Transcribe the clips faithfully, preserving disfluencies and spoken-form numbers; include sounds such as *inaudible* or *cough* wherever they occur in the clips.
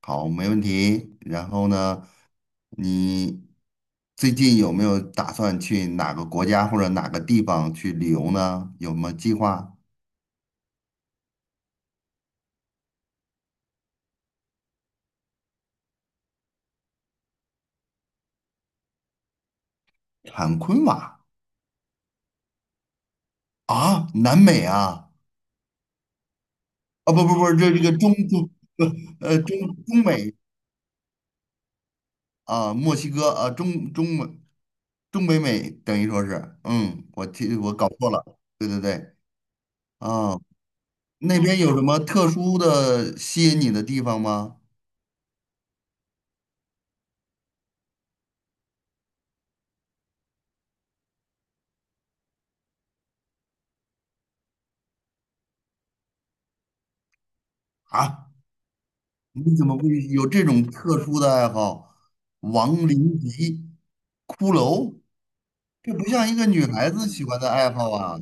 好，没问题。然后呢，你最近有没有打算去哪个国家或者哪个地方去旅游呢？有没有计划？坎昆瓦啊，南美啊，啊不不不，这这个中中不呃中中美啊，墨西哥啊，中中美中北美等于说是，嗯，我记我搞错了，对对对。啊，那边有什么特殊的吸引你的地方吗？啊？你怎么会有这种特殊的爱好？亡灵级骷髅，这不像一个女孩子喜欢的爱好啊。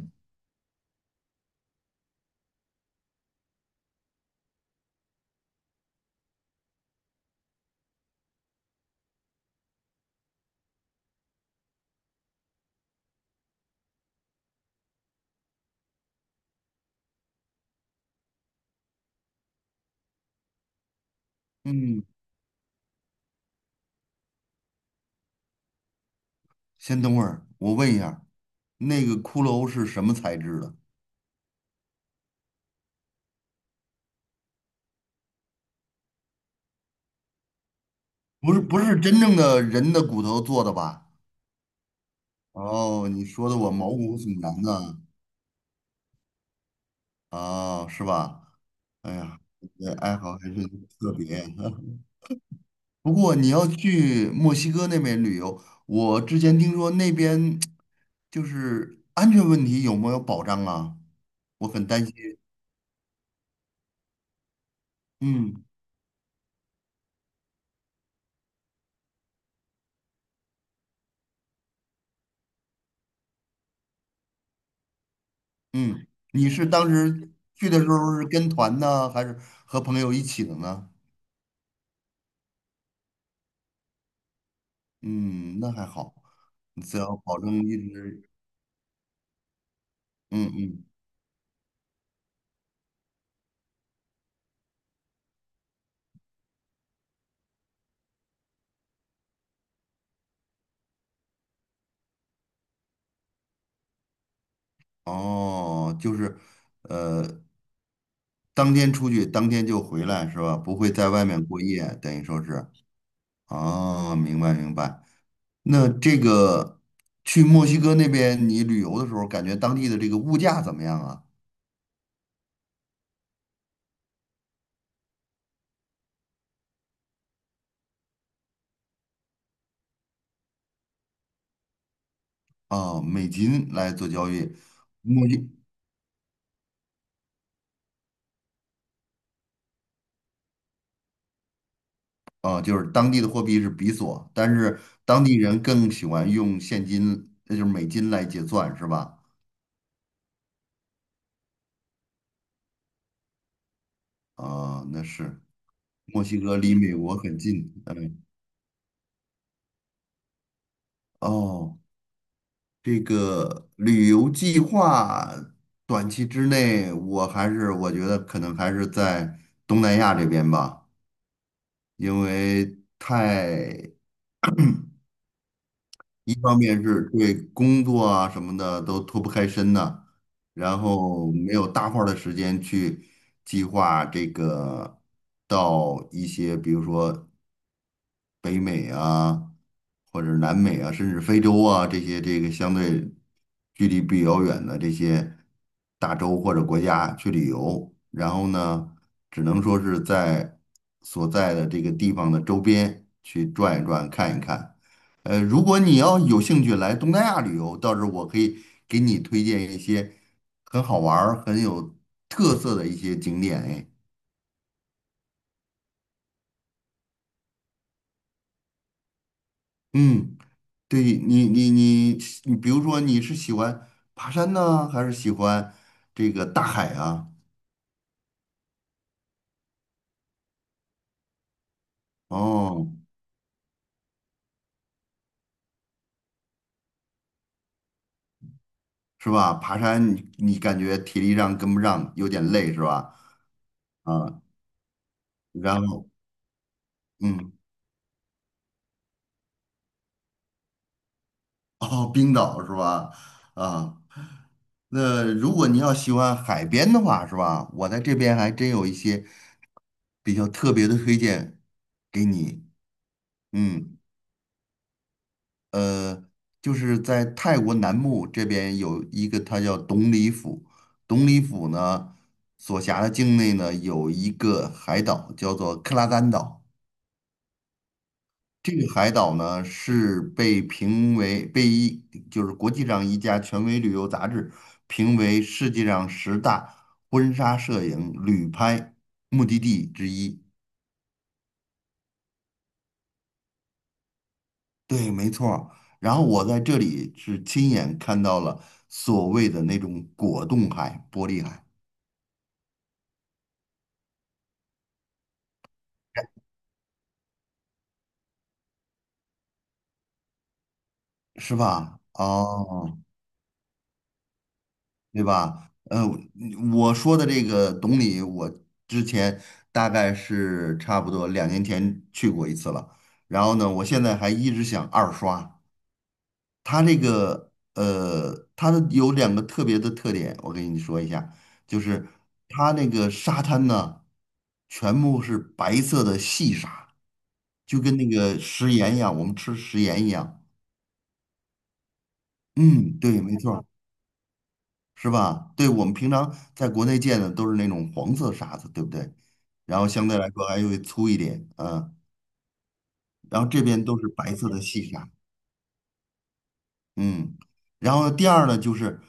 嗯，先等会儿，我问一下，那个骷髅是什么材质的？不是不是真正的人的骨头做的吧？哦，你说的我毛骨悚然呢。哦，是吧？哎呀，这爱好还是特别。*laughs* 不过你要去墨西哥那边旅游，我之前听说那边就是安全问题有没有保障啊？我很担心。嗯嗯，你是当时去的时候是跟团呢，还是和朋友一起的呢？嗯，那还好，只要保证一直，嗯嗯，哦，就是，呃，当天出去，当天就回来是吧？不会在外面过夜，等于说是，哦，明白明白。那这个去墨西哥那边你旅游的时候，感觉当地的这个物价怎么样啊？啊，美金来做交易，墨西啊，就是当地的货币是比索，但是当地人更喜欢用现金，那就是美金来结算，是吧？啊，那是墨西哥离美国很近，嗯，哦，这个旅游计划短期之内，我还是我觉得可能还是在东南亚这边吧。因为太一方面是对工作啊什么的都脱不开身呢，然后没有大块儿的时间去计划这个到一些，比如说北美啊，或者是南美啊，甚至非洲啊这些这个相对距离比较远的这些大洲或者国家去旅游，然后呢，只能说是在所在的这个地方的周边去转一转、看一看。呃，如果你要有兴趣来东南亚旅游，到时候我可以给你推荐一些很好玩儿、很有特色的一些景点。哎，嗯。对你，你你你，比如说你是喜欢爬山呢，还是喜欢这个大海啊？哦，是吧？爬山你你感觉体力上跟不上，有点累是吧？啊，然后嗯，哦，冰岛是吧？啊，那如果你要喜欢海边的话，是吧？我在这边还真有一些比较特别的推荐给你，嗯。呃，就是在泰国南部这边有一个，它叫董里府。董里府呢，所辖的境内呢有一个海岛，叫做克拉丹岛。这个海岛呢是被评为被一就是国际上一家权威旅游杂志评为世界上十大婚纱摄影旅拍目的地之一。对，没错儿。然后我在这里是亲眼看到了所谓的那种果冻海、玻璃海，是吧？哦，对吧？呃，我说的这个懂你，我之前大概是差不多两年前去过一次了。然后呢，我现在还一直想二刷。它这个呃，它的有两个特别的特点，我跟你说一下，就是它那个沙滩呢，全部是白色的细沙，就跟那个食盐一样，我们吃食盐一样。嗯，对，没错儿。是吧？对，我们平常在国内见的都是那种黄色沙子，对不对？然后相对来说还会粗一点，嗯，然后这边都是白色的细沙。嗯，然后第二呢，就是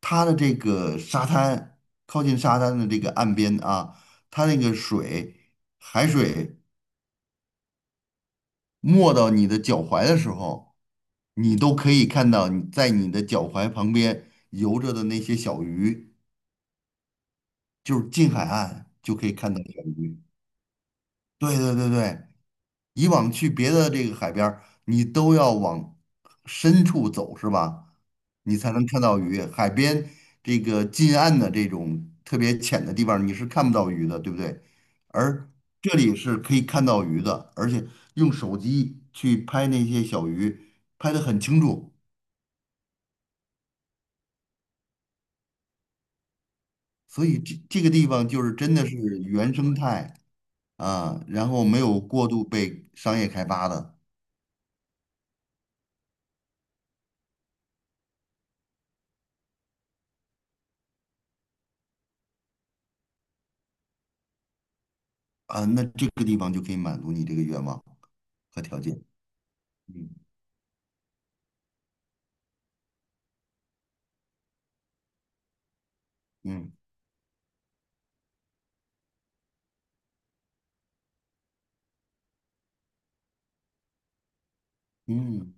它的这个沙滩，靠近沙滩的这个岸边啊，它那个水，海水没到你的脚踝的时候，你都可以看到你在你的脚踝旁边游着的那些小鱼，就是近海岸就可以看到小鱼。对对对对，以往去别的这个海边儿，你都要往深处走，是吧？你才能看到鱼。海边这个近岸的这种特别浅的地方，你是看不到鱼的，对不对？而这里是可以看到鱼的，而且用手机去拍那些小鱼，拍得很清楚。所以这这个地方就是真的是原生态啊，然后没有过度被商业开发的。啊，那这个地方就可以满足你这个愿望和条件。嗯嗯嗯，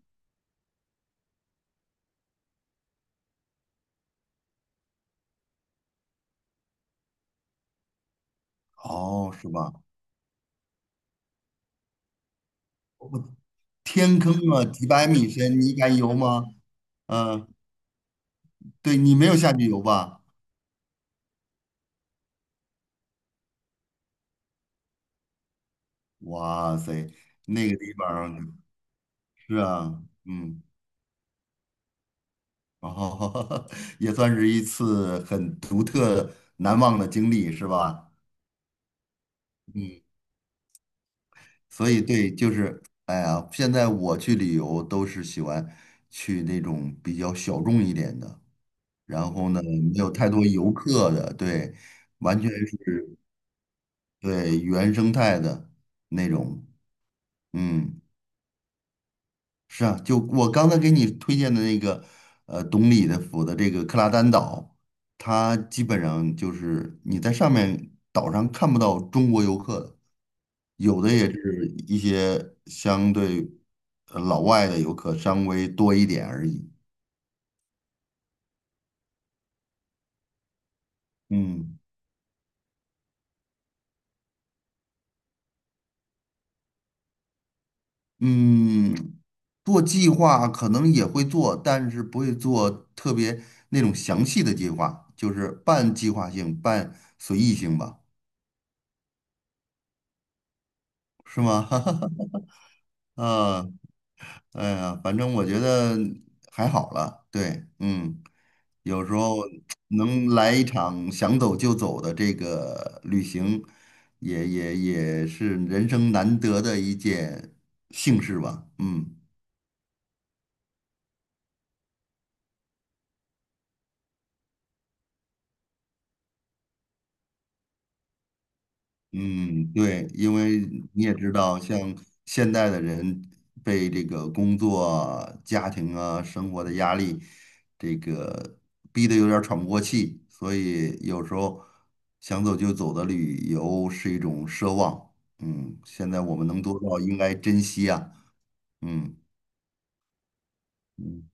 哦，是吧？我天坑啊，几百米深，你敢游吗？嗯、对你没有下去游吧？哇塞，那个地方是啊，嗯，哦，*laughs* 也算是一次很独特、难忘的经历，是吧？嗯，所以对，就是，哎呀，现在我去旅游都是喜欢去那种比较小众一点的。然后呢，没有太多游客的，对，完全是对原生态的那种，嗯，是啊，就我刚才给你推荐的那个，呃，懂礼的府的这个克拉丹岛，它基本上就是你在上面岛上看不到中国游客的，有的也是一些相对呃老外的游客稍微多一点而已，嗯。嗯，做计划可能也会做，但是不会做特别那种详细的计划，就是半计划性、半随意性吧，是吗？*laughs* 啊，哎呀，反正我觉得还好了。对，嗯，有时候能来一场想走就走的这个旅行，也也也是人生难得的一件幸事吧。嗯。嗯，对，因为你也知道，像现代的人被这个工作啊家庭啊、生活的压力，这个逼得有点儿喘不过气，所以有时候想走就走的旅游是一种奢望。嗯，现在我们能做到，应该珍惜啊。嗯嗯，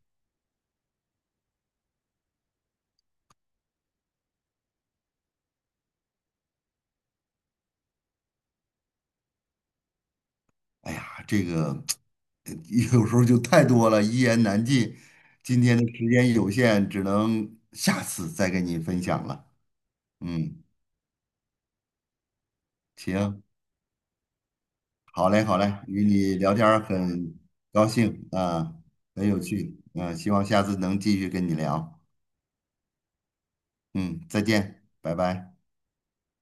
哎呀，这个 *tsk* 有时候就太多了，一言难尽。今天的时间有限，只能下次再跟你分享了。嗯。行，好嘞，好嘞，与你聊天儿很高兴啊，很有趣，嗯、希望下次能继续跟你聊。嗯，再见，拜拜。